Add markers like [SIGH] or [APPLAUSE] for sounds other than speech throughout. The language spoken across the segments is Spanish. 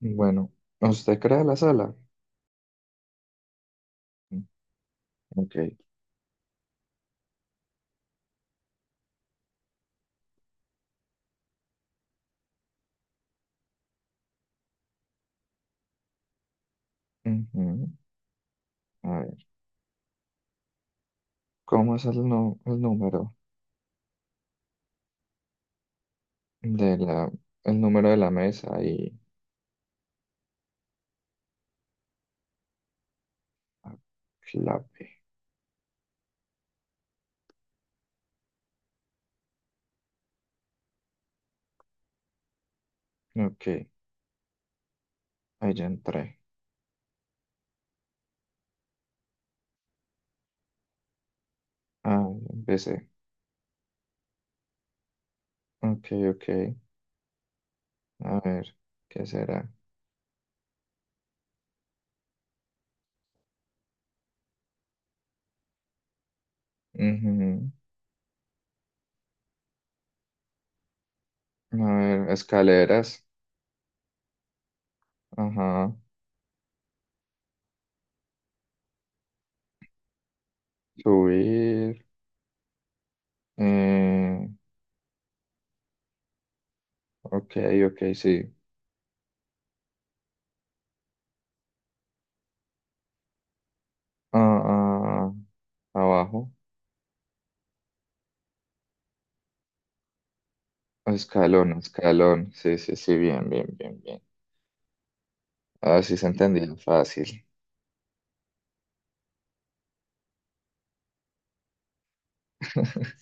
Bueno, ¿usted crea la sala? Mm. Ok. Ujú. A ver, ¿cómo es el, el número de la, el número de la mesa y la clave? Ok, ahí ya entré. Ah, ya empecé. Ok, ok. A ver, ¿qué será? Ujú. A ver, escaleras. Ajá. Subir. Eh, ok, ok, sí. Ah, ah, abajo. Escalón, escalón. Sí, sí, sí, bien, bien, bien, bien. A ver si se entendía. Fácil. [LAUGHS]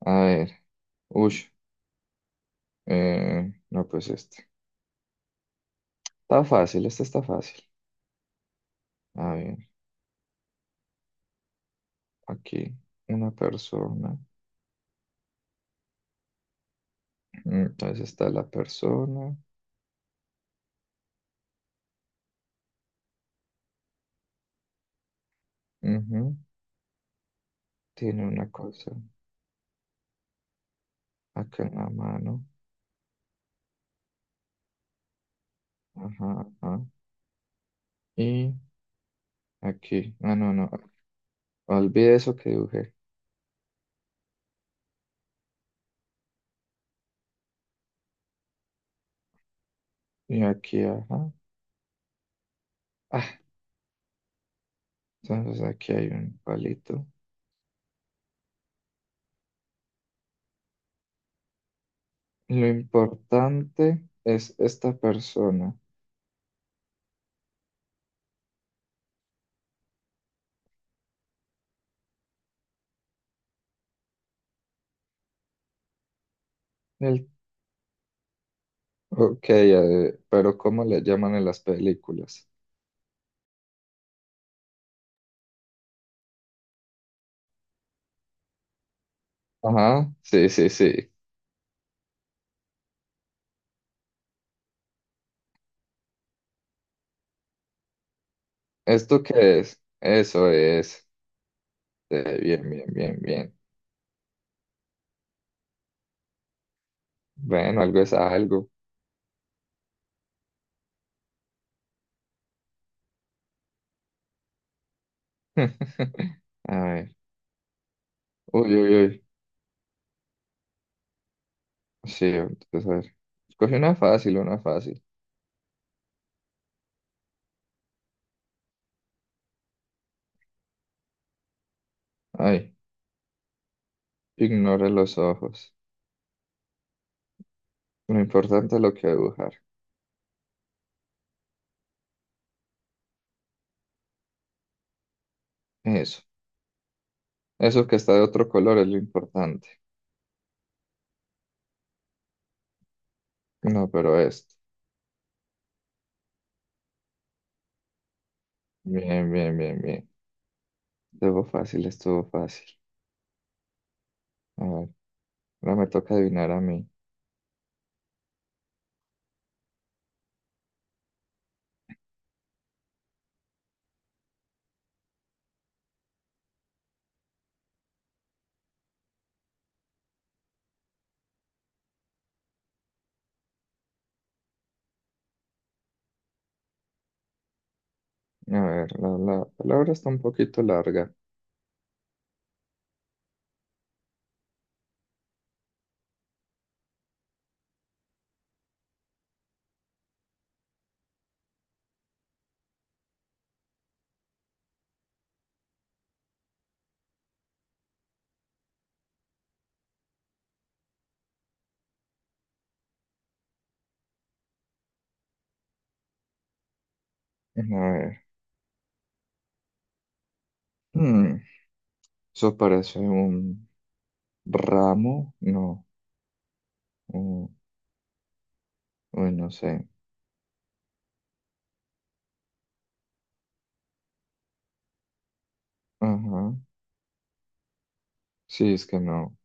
A ver. Uy. No, pues este. Está fácil, este está fácil. A ver, aquí una persona. Entonces está la persona. Ujú. Tiene una cosa acá en la mano. Ajá, ajá. Y aquí. Ah, no, no. Olvide eso que dibujé. Y aquí, ajá. Ah, entonces aquí hay un palito. Lo importante es esta persona. El ok, pero ¿cómo le llaman en las películas? Ajá, sí, sí, sí. ¿Esto qué es? Eso es. Bien, bien, bien, bien. Bueno, algo es algo. [LAUGHS] A ver. Uy, uy, uy. Sí, entonces, a ver. Escoge una fácil, una fácil. Ay, ignore los ojos. Lo importante es lo que dibujar. Eso. Eso que está de otro color es lo importante. No, pero esto. Bien, bien, bien, bien. Estuvo fácil, estuvo fácil. A ver. Ahora me toca adivinar a mí. A ver, la palabra está un poquito larga. A ver. Mm. Eso parece un ramo. No. un- Uy, no sé. Ajá. Sí, es que no.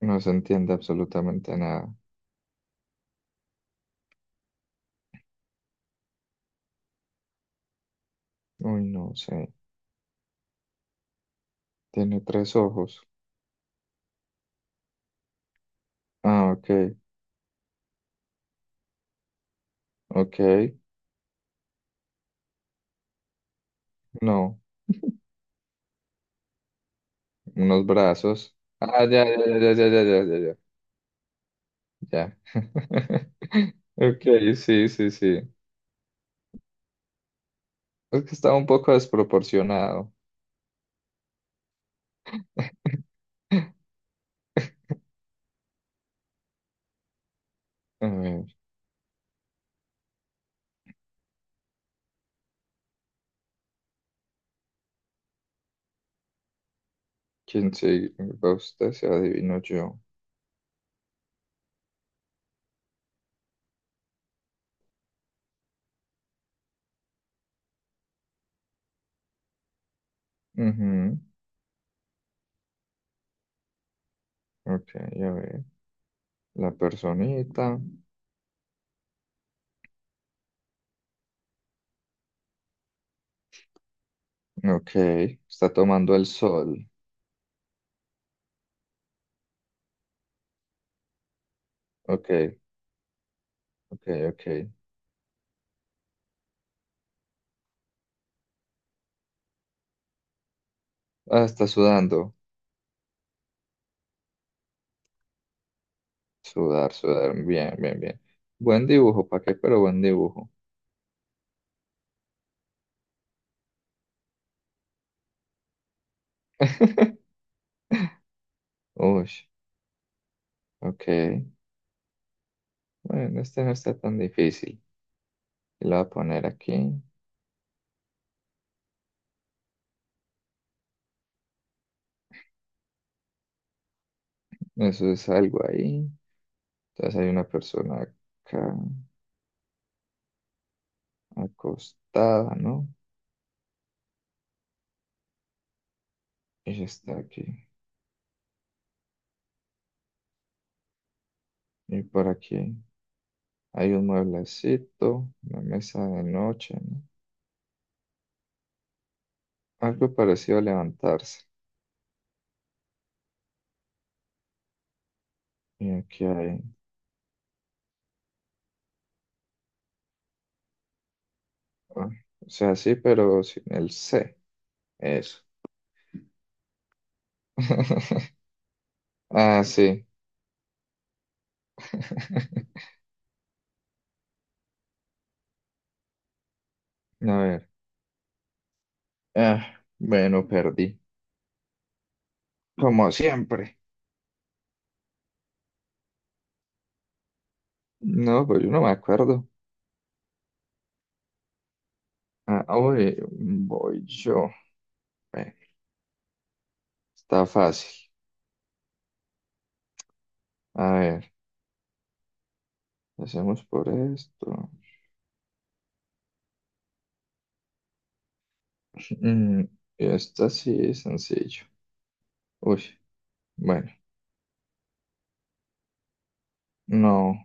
No se entiende absolutamente nada. Uy, no sé. Tiene tres ojos. Ah, ok. Ok. No. [LAUGHS] Unos brazos. Ah, ya, ya, ya, ya, ya, ya, ya, ya. Ya. Ya. [LAUGHS] Ok, sí, sí, sí. Es que estaba un poco desproporcionado. [LAUGHS] A ver, ¿quién se va usted? Se adivino yo. Ujú. Ok, a ver. La personita. Ok, está tomando el sol. Ok, ok, ok. Ah, está sudando. Sudar, sudar. Bien, bien, bien. Buen dibujo, ¿para qué? Pero buen dibujo. [LAUGHS] Uy, ok. Bueno, este no está tan difícil. Lo voy a poner aquí. Eso es algo ahí. Entonces hay una persona acá acostada, ¿no? Ella está aquí. Y por aquí hay un mueblecito, una mesa de noche, ¿no? Algo parecido a levantarse. Y aquí hay, ah, o sea, sí, pero sin el C. Eso. [LAUGHS] Ah, sí. [LAUGHS] A ver. Ah, bueno, perdí. Como siempre. No, pues yo no me acuerdo. Ah, hoy voy yo. Bueno, está fácil. A ver. Hacemos por esto. Mm, y esta sí es sencillo. Uy, bueno, no,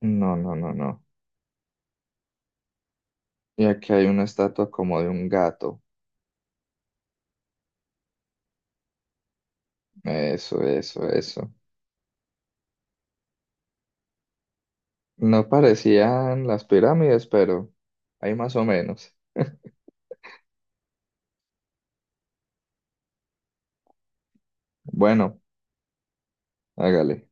no, no, no, no. Y aquí hay una estatua como de un gato. Eso, eso, eso. No parecían las pirámides, pero hay más o menos. [LAUGHS] Bueno, hágale.